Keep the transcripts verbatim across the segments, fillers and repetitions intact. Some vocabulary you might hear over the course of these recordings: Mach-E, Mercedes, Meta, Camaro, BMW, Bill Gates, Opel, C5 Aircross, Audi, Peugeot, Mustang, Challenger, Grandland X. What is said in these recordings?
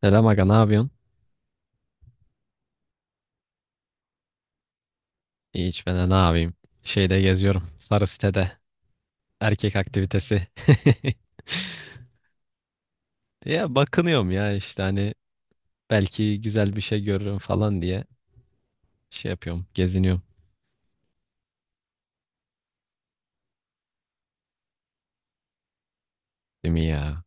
Selam aga, ne yapıyorsun? Hiç, ben de ne yapayım? Şeyde geziyorum. Sarı sitede. Erkek aktivitesi. Ya bakınıyorum ya, işte hani belki güzel bir şey görürüm falan diye şey yapıyorum. Geziniyorum. Değil mi ya?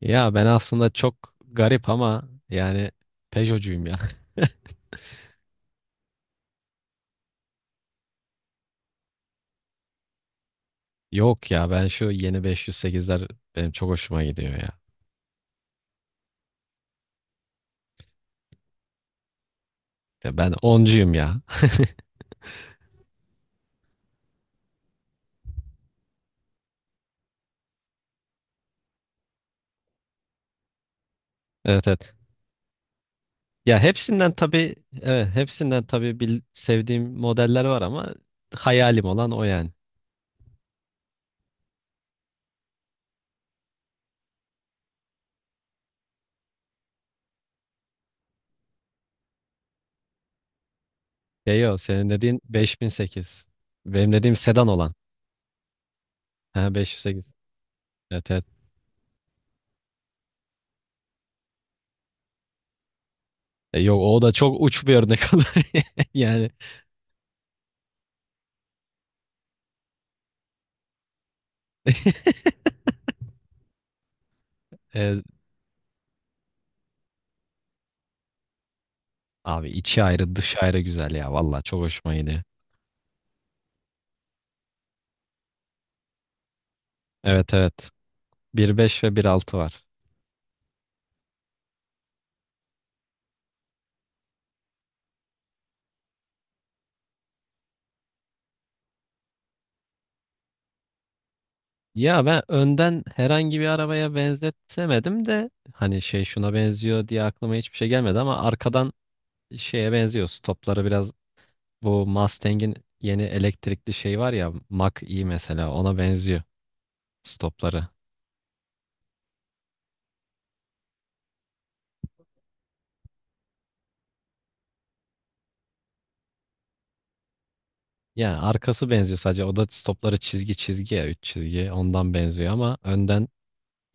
Ya ben aslında çok garip ama yani Peugeot'cuyum ya. Yok ya, ben şu yeni beş yüz sekizler benim çok hoşuma gidiyor ya. Ya ben oncuyum ya. Evet evet. Ya hepsinden tabii, evet, hepsinden tabii bil- sevdiğim modeller var ama hayalim olan o yani. Ya yo, senin dediğin beş bin sekiz. Benim dediğim sedan olan. Ha, beş yüz sekiz. Evet evet. E, yok, o da çok uç bir örnek olur. Yani E, abi içi ayrı dışı ayrı güzel ya. Valla çok hoşuma gidiyor. Evet evet. Bir nokta beş ve bir nokta altı var. Ya ben önden herhangi bir arabaya benzetemedim de hani şey şuna benziyor diye aklıma hiçbir şey gelmedi ama arkadan şeye benziyor. Stopları biraz bu Mustang'in yeni elektrikli şey var ya, Mach-E mesela, ona benziyor stopları. Yani arkası benziyor sadece, o da stopları çizgi çizgi ya, üç çizgi ondan benziyor ama önden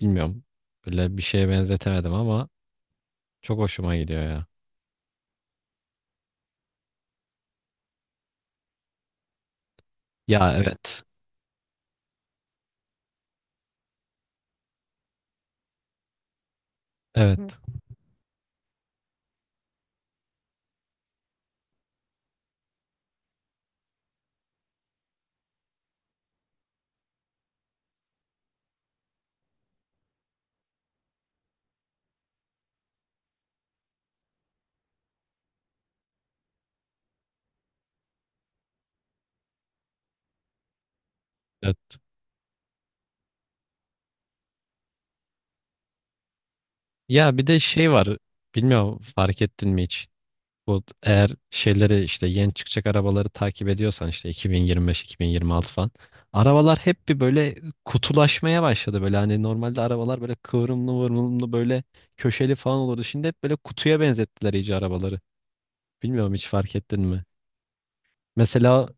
bilmiyorum, böyle bir şeye benzetemedim ama çok hoşuma gidiyor ya. Ya evet. Evet. Evet. Ya bir de şey var, bilmiyorum fark ettin mi hiç? Bu eğer şeyleri, işte yeni çıkacak arabaları takip ediyorsan, işte iki bin yirmi beş-iki bin yirmi altı falan. Arabalar hep bir böyle kutulaşmaya başladı, böyle hani normalde arabalar böyle kıvrımlı vurumlu böyle köşeli falan olurdu. Şimdi hep böyle kutuya benzettiler iyice arabaları. Bilmiyorum, hiç fark ettin mi? Mesela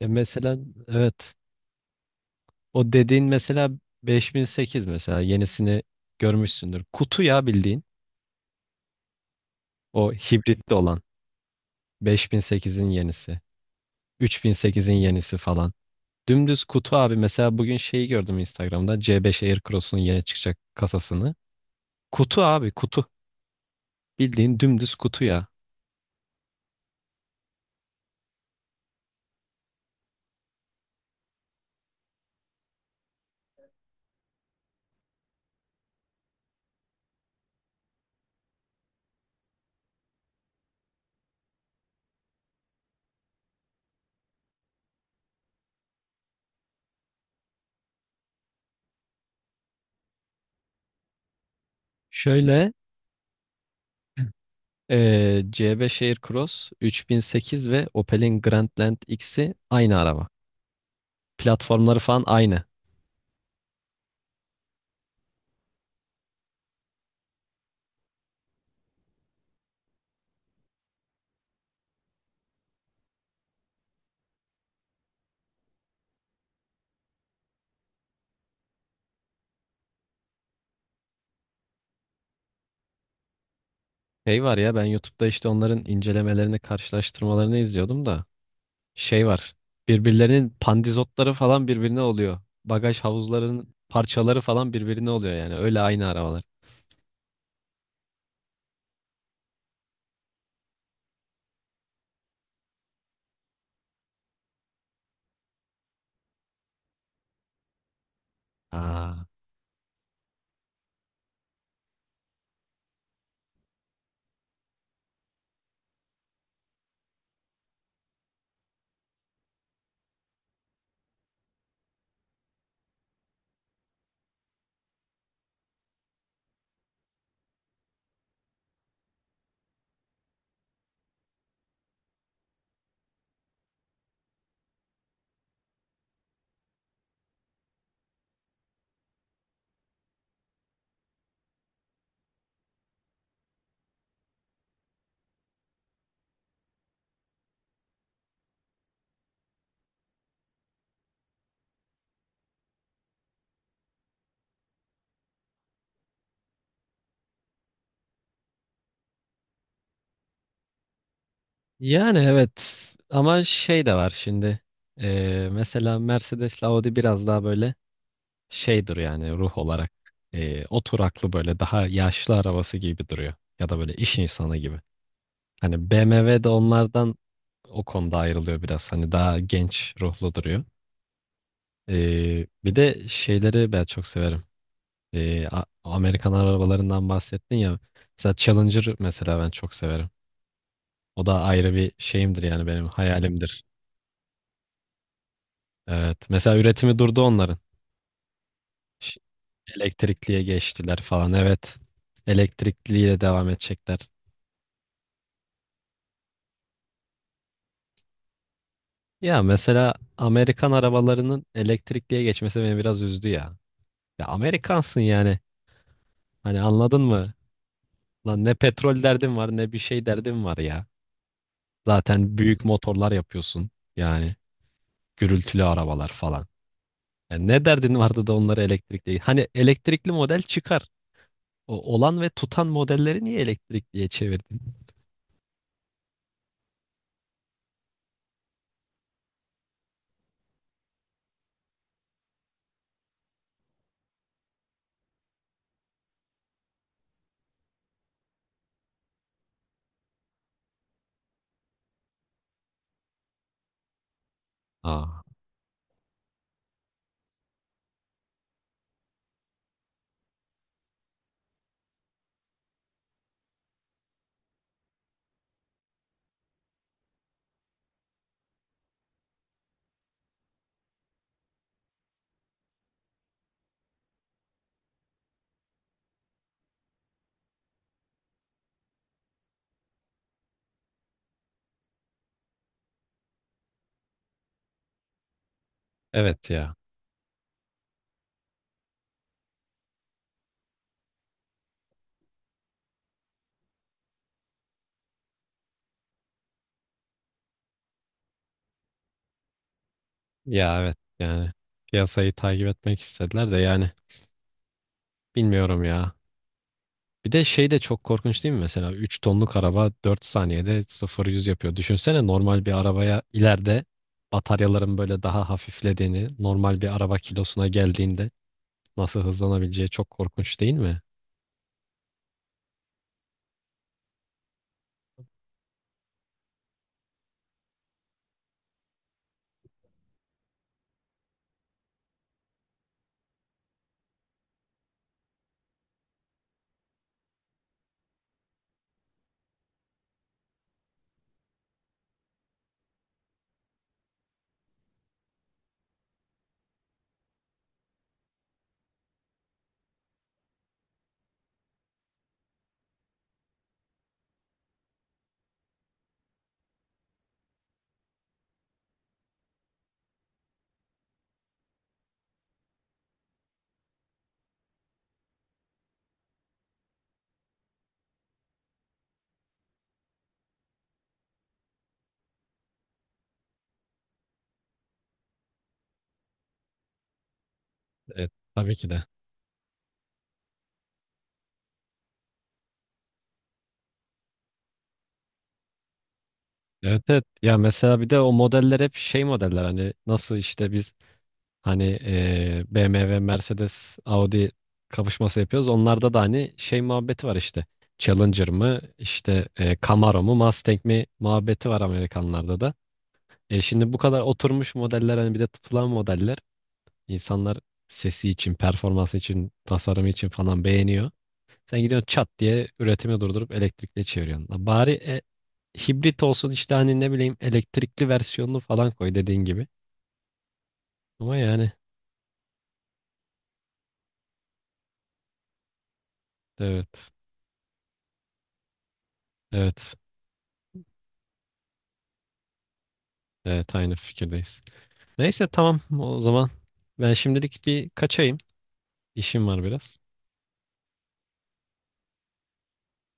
e, mesela evet, o dediğin mesela beş bin sekiz, mesela yenisini görmüşsündür. Kutu ya bildiğin, o hibritli olan beş bin sekizin yenisi, üç bin sekizin yenisi falan. Dümdüz kutu abi, mesela bugün şeyi gördüm Instagram'da, C beş Aircross'un yeni çıkacak kasasını. Kutu abi, kutu. Bildiğin dümdüz kutu ya. Şöyle eee, C beş Aircross, üç bin sekiz ve Opel'in Grandland X'i aynı araba. Platformları falan aynı. Şey var ya, ben YouTube'da işte onların incelemelerini, karşılaştırmalarını izliyordum da şey var. Birbirlerinin pandizotları falan birbirine oluyor. Bagaj havuzlarının parçaları falan birbirine oluyor yani. Öyle aynı arabalar. Aa. Yani evet, ama şey de var şimdi. Ee, mesela Mercedes'le Audi biraz daha böyle şey duruyor yani, ruh olarak. Ee, oturaklı, böyle daha yaşlı arabası gibi duruyor. Ya da böyle iş insanı gibi. Hani B M W de onlardan o konuda ayrılıyor biraz. Hani daha genç ruhlu duruyor. Ee, bir de şeyleri ben çok severim. Ee, A- Amerikan arabalarından bahsettin ya. Mesela Challenger, mesela, ben çok severim. O da ayrı bir şeyimdir yani, benim hayalimdir. Evet. Mesela üretimi durdu onların. Ş- Elektrikliye geçtiler falan. Evet. Elektrikliyle devam edecekler. Ya mesela Amerikan arabalarının elektrikliye geçmesi beni biraz üzdü ya. Ya Amerikansın yani. Hani anladın mı? Lan, ne petrol derdin var ne bir şey derdin var ya. Zaten büyük motorlar yapıyorsun. Yani gürültülü arabalar falan. Yani ne derdin vardı da onları elektrikli. Hani elektrikli model çıkar. O olan ve tutan modelleri niye elektrikliye çevirdin? Aa, evet ya. Ya evet yani, piyasayı takip etmek istediler de yani bilmiyorum ya. Bir de şey de çok korkunç değil mi? Mesela üç tonluk araba dört saniyede sıfır yüz yapıyor. Düşünsene, normal bir arabaya ileride bataryaların böyle daha hafiflediğini, normal bir araba kilosuna geldiğinde nasıl hızlanabileceği, çok korkunç değil mi? Evet, tabii ki de. Evet evet. Ya mesela bir de o modeller hep şey modeller, hani nasıl işte biz Hani eee, B M W, Mercedes, Audi kapışması yapıyoruz. Onlarda da hani şey muhabbeti var işte. Challenger mı, işte eee, Camaro mu, Mustang mi muhabbeti var Amerikanlarda da. E, şimdi bu kadar oturmuş modeller, hani bir de tutulan modeller. İnsanlar sesi için, performansı için, tasarımı için falan beğeniyor. Sen gidiyorsun çat diye üretimi durdurup elektrikli çeviriyorsun. Lan, bari e, hibrit olsun işte, hani ne bileyim elektrikli versiyonunu falan koy dediğin gibi. Ama yani evet. Evet. Evet, aynı fikirdeyiz. Neyse, tamam o zaman, ben şimdilik bir kaçayım. İşim var biraz.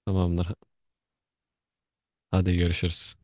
Tamamdır. Hadi görüşürüz.